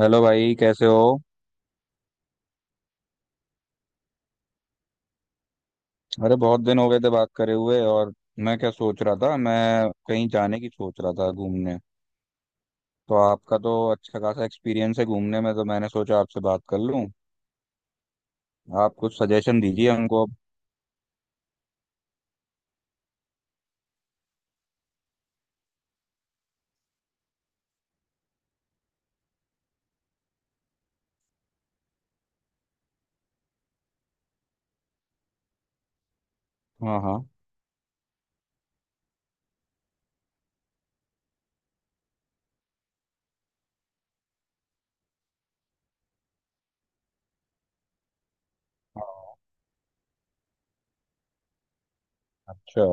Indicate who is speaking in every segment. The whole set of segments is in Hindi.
Speaker 1: हेलो भाई, कैसे हो? अरे बहुत दिन हो गए थे बात करे हुए। और मैं क्या सोच रहा था, मैं कहीं जाने की सोच रहा था, घूमने। तो आपका तो अच्छा खासा एक्सपीरियंस है घूमने में, तो मैंने सोचा आपसे बात कर लूं। आप कुछ सजेशन दीजिए हमको अब। हाँ हाँ। अच्छा।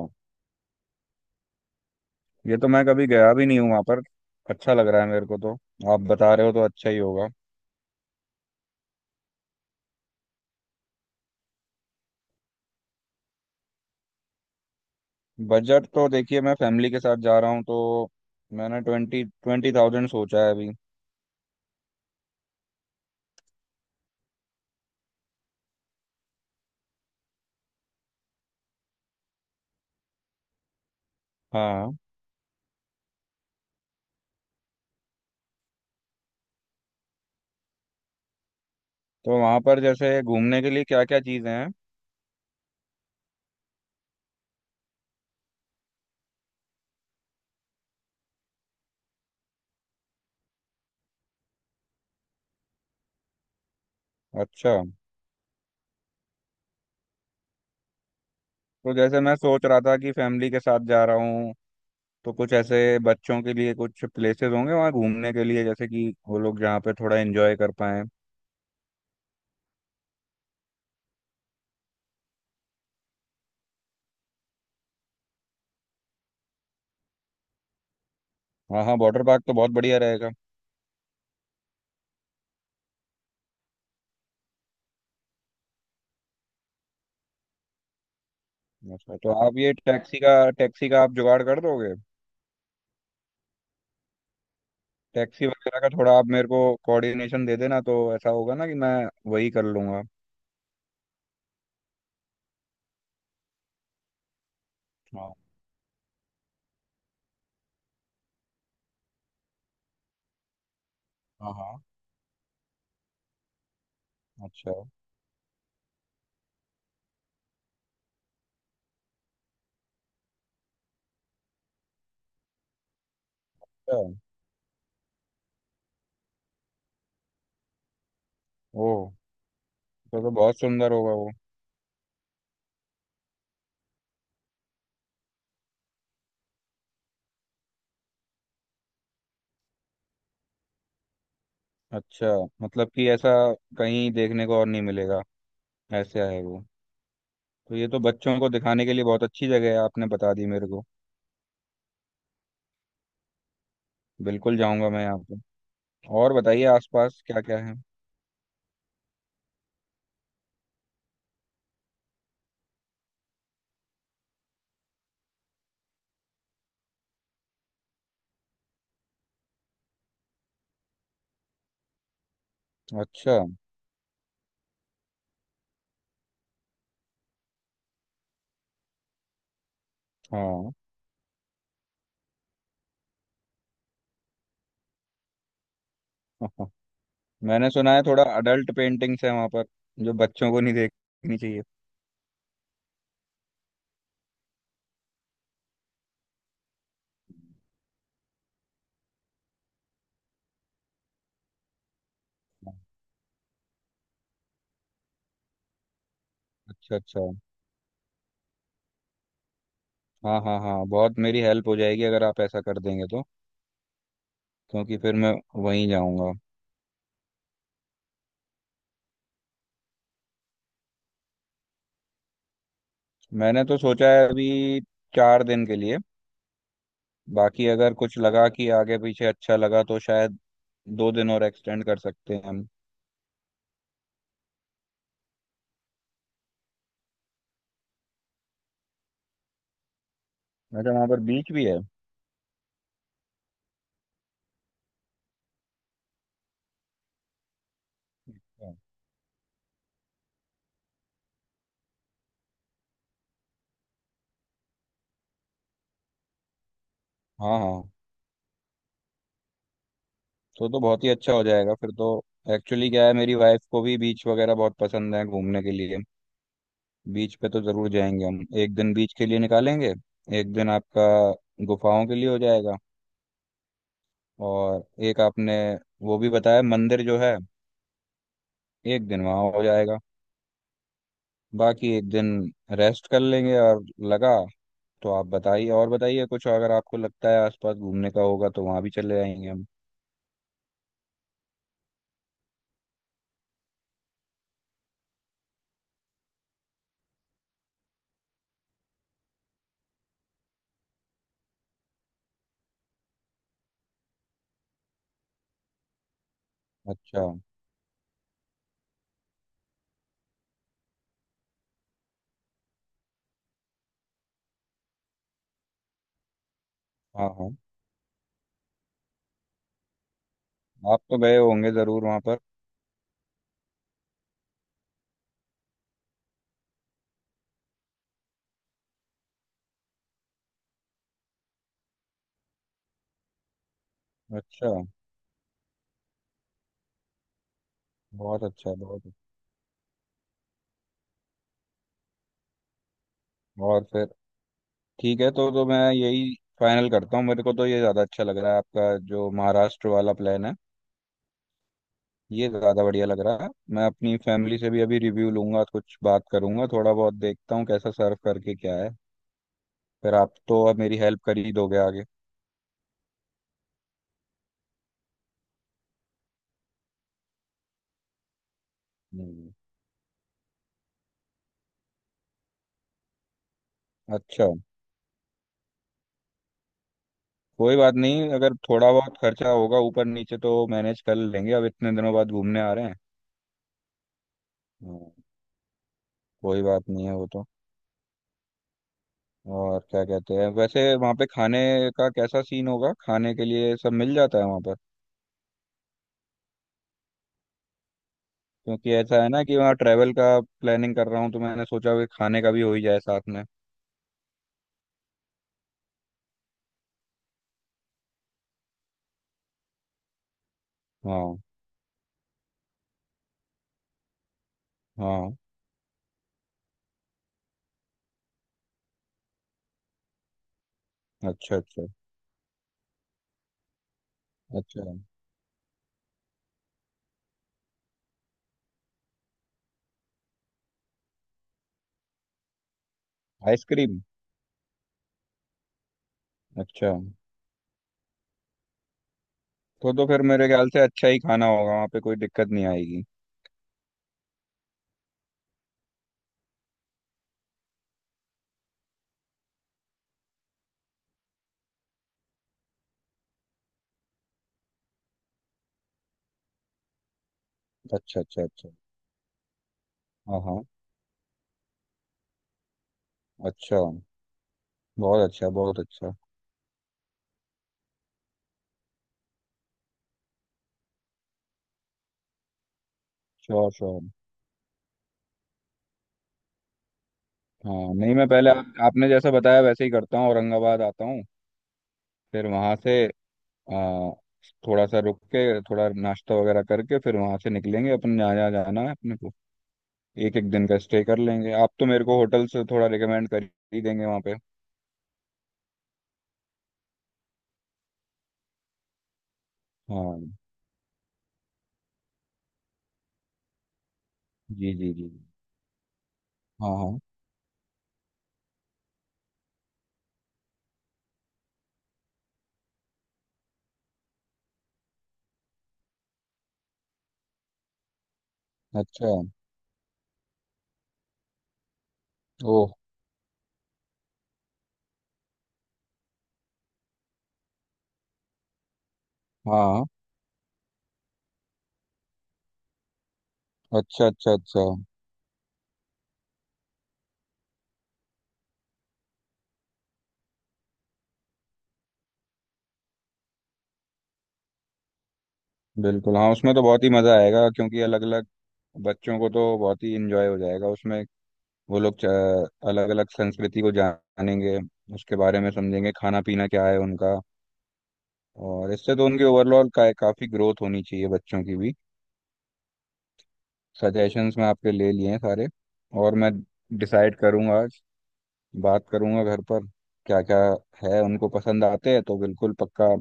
Speaker 1: ये तो मैं कभी गया भी नहीं हूँ वहाँ पर। अच्छा लग रहा है मेरे को तो। आप बता रहे हो तो अच्छा ही होगा। बजट तो देखिए, मैं फैमिली के साथ जा रहा हूँ, तो मैंने ट्वेंटी ट्वेंटी थाउजेंड सोचा है अभी। हाँ। तो वहाँ पर जैसे घूमने के लिए क्या क्या चीज़ें हैं? अच्छा। तो जैसे मैं सोच रहा था कि फैमिली के साथ जा रहा हूँ, तो कुछ ऐसे बच्चों के लिए कुछ प्लेसेस होंगे वहाँ घूमने के लिए, जैसे कि वो लोग जहाँ पे थोड़ा एंजॉय कर पाएं। हाँ हाँ, वाटर पार्क तो बहुत बढ़िया रहेगा। अच्छा, तो आप ये टैक्सी का आप जुगाड़ कर दोगे? टैक्सी वगैरह का थोड़ा आप मेरे को कोऑर्डिनेशन दे देना, तो ऐसा होगा ना कि मैं वही कर लूँगा। हाँ हाँ हाँ। अच्छा अच्छा। ओह, तो बहुत सुंदर होगा वो। अच्छा। मतलब कि ऐसा कहीं देखने को और नहीं मिलेगा, ऐसा है वो? तो ये तो बच्चों को दिखाने के लिए बहुत अच्छी जगह है, आपने बता दी मेरे को। बिल्कुल जाऊंगा मैं यहाँ पे। और बताइए, आसपास क्या क्या है? अच्छा। हाँ। मैंने सुना है थोड़ा अडल्ट पेंटिंग्स है वहाँ पर, जो बच्चों को नहीं देखनी चाहिए। अच्छा अच्छा। हाँ हाँ हाँ, बहुत मेरी हेल्प हो जाएगी अगर आप ऐसा कर देंगे तो। क्योंकि फिर मैं वहीं जाऊंगा। मैंने तो सोचा है अभी 4 दिन के लिए। बाकी अगर कुछ लगा कि आगे पीछे अच्छा लगा तो शायद 2 दिन और एक्सटेंड कर सकते हैं हम। अच्छा, वहाँ पर बीच भी है? अच्छा। हाँ हाँ, तो बहुत ही अच्छा हो जाएगा फिर तो। एक्चुअली क्या है, मेरी वाइफ को भी बीच वगैरह बहुत पसंद है घूमने के लिए। बीच पे तो जरूर जाएंगे हम, एक दिन बीच के लिए निकालेंगे। एक दिन आपका गुफाओं के लिए हो जाएगा। और एक आपने वो भी बताया मंदिर जो है, एक दिन वहाँ हो जाएगा। बाकी एक दिन रेस्ट कर लेंगे, और लगा तो आप बताइए, और बताइए कुछ अगर आपको लगता है आसपास घूमने का होगा तो वहाँ भी चले जाएंगे हम। अच्छा। हाँ हाँ। आप तो गए होंगे जरूर वहाँ पर। अच्छा। बहुत अच्छा, बहुत अच्छा। और फिर ठीक है, तो मैं यही फाइनल करता हूँ, मेरे को तो ये ज़्यादा अच्छा लग रहा है आपका जो महाराष्ट्र वाला प्लान है। ये ज़्यादा बढ़िया लग रहा है। मैं अपनी फैमिली से भी अभी रिव्यू लूंगा, कुछ बात करूंगा, थोड़ा बहुत देखता हूँ कैसा सर्व करके क्या है। फिर आप तो अब मेरी हेल्प कर ही दोगे आगे। हम्म। अच्छा। कोई बात नहीं, अगर थोड़ा बहुत खर्चा होगा ऊपर नीचे तो मैनेज कर लेंगे, अब इतने दिनों बाद घूमने आ रहे हैं। हाँ, कोई बात नहीं है वो तो। और क्या कहते हैं वैसे वहाँ पे खाने का कैसा सीन होगा? खाने के लिए सब मिल जाता है वहाँ पर? क्योंकि ऐसा है ना कि वहाँ ट्रैवल का प्लानिंग कर रहा हूँ, तो मैंने सोचा कि खाने का भी हो ही जाए साथ में। हाँ हाँ। अच्छा अच्छा अच्छा। आइसक्रीम। अच्छा, तो फिर मेरे ख्याल से अच्छा ही खाना होगा वहाँ पे, कोई दिक्कत नहीं आएगी। अच्छा अच्छा अच्छा। हाँ हाँ। अच्छा। बहुत अच्छा बहुत अच्छा। Sure sure. हाँ नहीं, मैं पहले आपने जैसे बताया वैसे ही करता हूँ, औरंगाबाद आता हूँ, फिर वहाँ से आ, थोड़ा सा रुक के, थोड़ा नाश्ता वगैरह करके फिर वहां से निकलेंगे, अपन यहाँ यहाँ जाना है अपने को। एक एक दिन का स्टे कर लेंगे, आप तो मेरे को होटल से थोड़ा रिकमेंड कर ही देंगे वहाँ पे। हाँ। जी जी जी। हाँ हाँ। अच्छा। ओह। हाँ हाँ। अच्छा अच्छा अच्छा। बिल्कुल हाँ, उसमें तो बहुत ही मज़ा आएगा क्योंकि अलग अलग, बच्चों को तो बहुत ही इंजॉय हो जाएगा उसमें। वो लोग अलग अलग संस्कृति को जानेंगे, उसके बारे में समझेंगे खाना पीना क्या है उनका। और इससे तो उनकी ओवरऑल का काफ़ी ग्रोथ होनी चाहिए बच्चों की भी। सजेशंस मैं आपके ले लिए हैं सारे, और मैं डिसाइड करूंगा आज, बात करूंगा घर पर, क्या क्या है उनको पसंद आते हैं तो बिल्कुल पक्का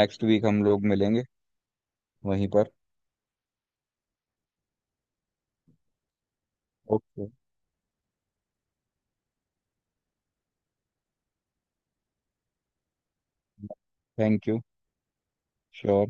Speaker 1: नेक्स्ट वीक हम लोग मिलेंगे वहीं पर। ओके। Thank you. श्योर।